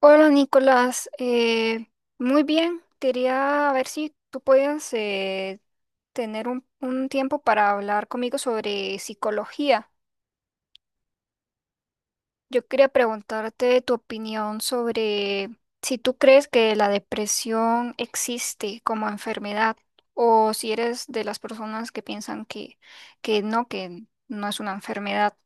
Hola Nicolás. Muy bien, quería ver si tú podías tener un tiempo para hablar conmigo sobre psicología. Yo quería preguntarte tu opinión sobre si tú crees que la depresión existe como enfermedad o si eres de las personas que piensan que no es una enfermedad.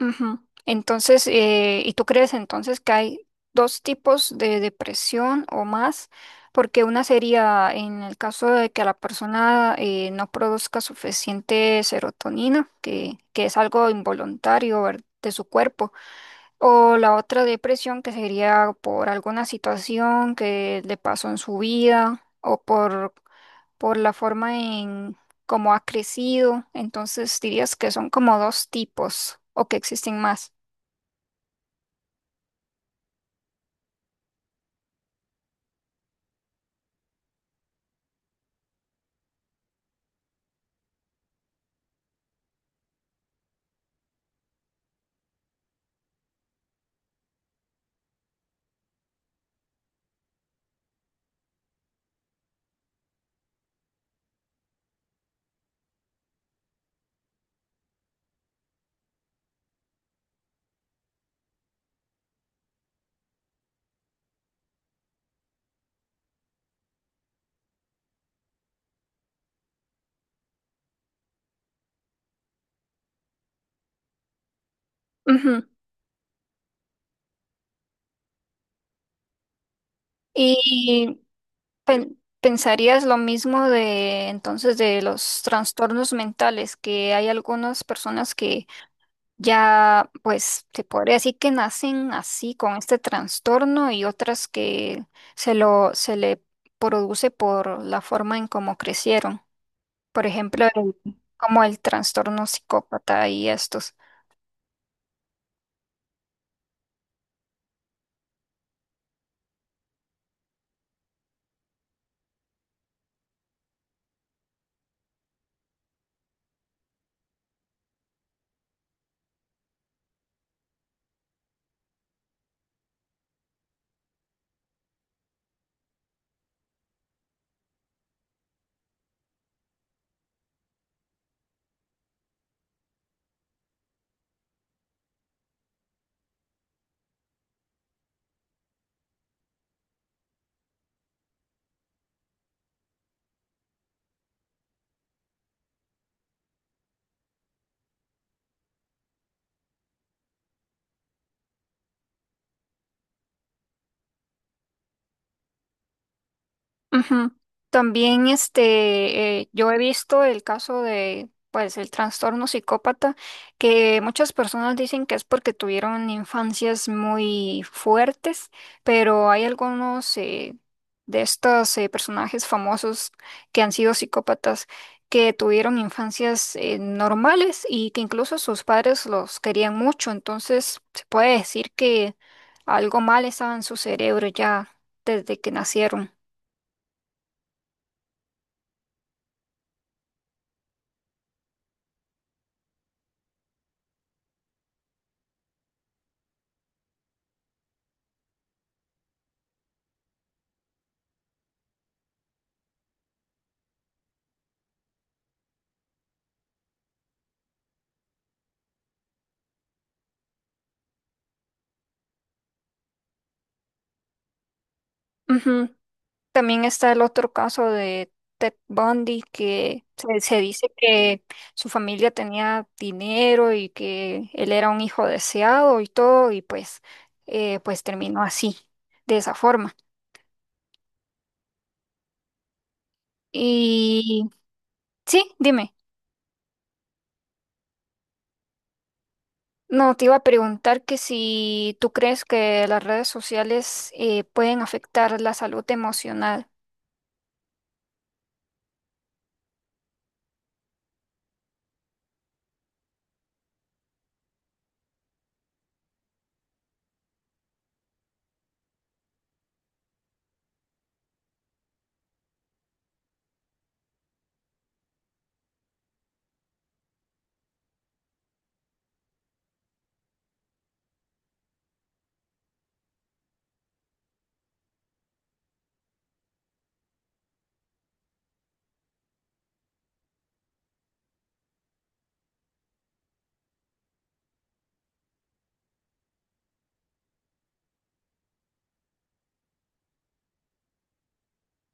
Ujú. Entonces, ¿y tú crees entonces que hay dos tipos de depresión o más? Porque una sería en el caso de que la persona no produzca suficiente serotonina, que es algo involuntario, de su cuerpo, o la otra depresión que sería por alguna situación que le pasó en su vida por la forma en cómo ha crecido. Entonces, dirías que son como dos tipos o que existen más. Ujú. ¿Y pensarías lo mismo de entonces de los trastornos mentales, que hay algunas personas que ya, pues, se podría decir que nacen así con este trastorno y otras que se le produce por la forma en cómo crecieron? Por ejemplo, como el trastorno psicópata y estos. Ujú. También este, yo he visto el caso de, pues, el trastorno psicópata, que muchas personas dicen que es porque tuvieron infancias muy fuertes, pero hay algunos de estos personajes famosos que han sido psicópatas que tuvieron infancias normales y que incluso sus padres los querían mucho, entonces se puede decir que algo mal estaba en su cerebro ya desde que nacieron. Ujú. También está el otro caso de Ted Bundy, que se dice que su familia tenía dinero y que él era un hijo deseado y todo, y pues, pues terminó así, de esa forma. Y sí, dime, no, te iba a preguntar que si tú crees que las redes sociales pueden afectar la salud emocional.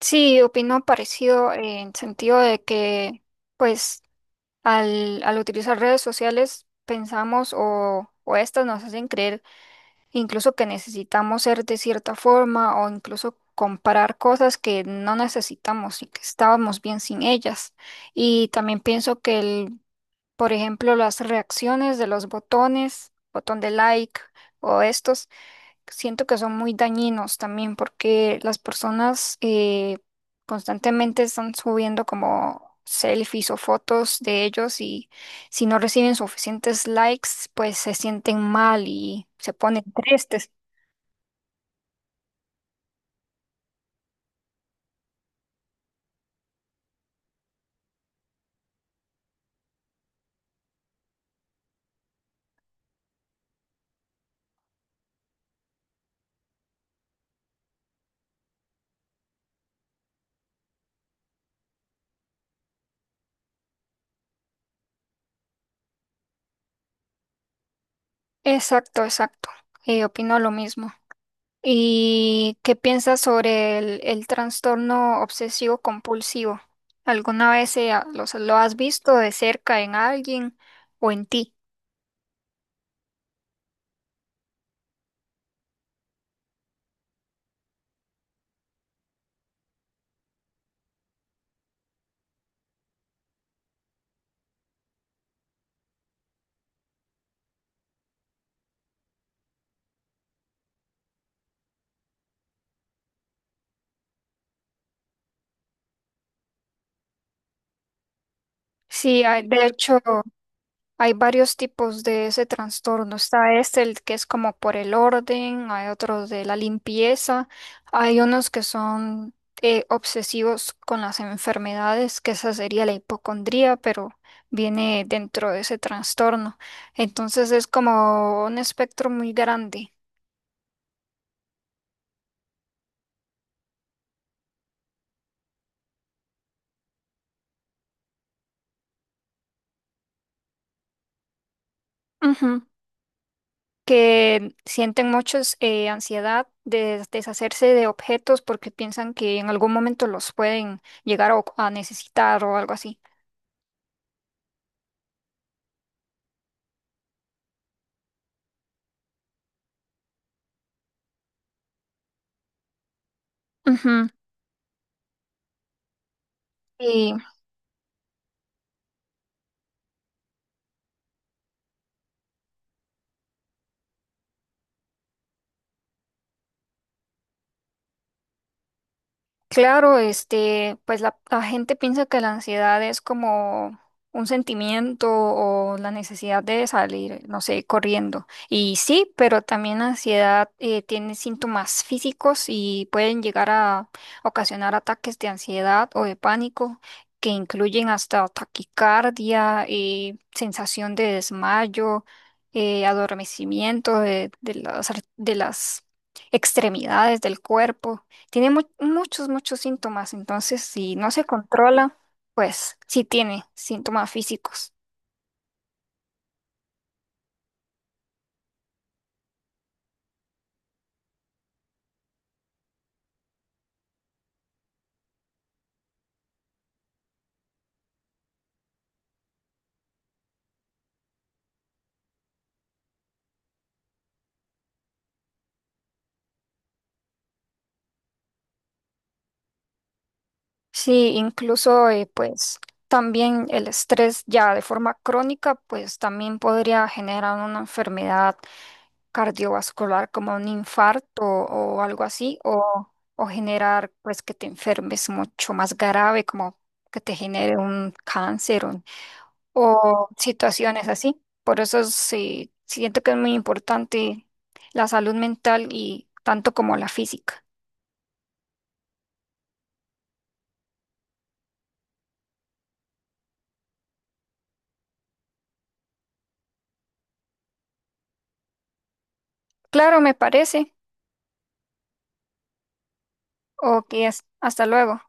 Sí, opino parecido en sentido de que. Pues al utilizar redes sociales, pensamos o estas nos hacen creer incluso que necesitamos ser de cierta forma o incluso comparar cosas que no necesitamos y que estábamos bien sin ellas. Y también pienso que, el, por ejemplo, las reacciones de los botón de like o estos siento que son muy dañinos también porque las personas constantemente están subiendo como selfies o fotos de ellos y si no reciben suficientes likes, pues se sienten mal y se ponen tristes. Exacto, exacto. Opino lo mismo. ¿Y qué piensas sobre el trastorno obsesivo compulsivo? ¿Alguna vez lo has visto de cerca en alguien o en ti? Sí, ah, de hecho. Hay varios tipos de ese trastorno. Está este, el que es como por el orden, hay otros de la limpieza, hay unos que son obsesivos con las enfermedades, que esa sería la hipocondría, pero viene dentro de ese trastorno. Entonces es como un espectro muy grande. Ujú. Que sienten muchos ansiedad de deshacerse de objetos porque piensan que en algún momento los pueden llegar a necesitar o algo así. Ujú. Y claro, este, pues la gente piensa que la ansiedad es como un sentimiento o la necesidad de salir, no sé, corriendo. Y sí, pero también la ansiedad tiene síntomas físicos y pueden llegar a ocasionar ataques de ansiedad o de pánico que incluyen hasta taquicardia, sensación de desmayo, adormecimiento de las extremidades del cuerpo. Tiene muchos síntomas, entonces si no se controla, pues sí tiene síntomas físicos. Sí, incluso pues también el estrés ya de forma crónica, pues también podría generar una enfermedad cardiovascular como un infarto o algo así, o generar pues que te enfermes mucho más grave, como que te genere un cáncer. O situaciones así. Por eso sí, siento que es muy importante la salud mental y tanto como la física. Claro, me parece. Ok, hasta luego.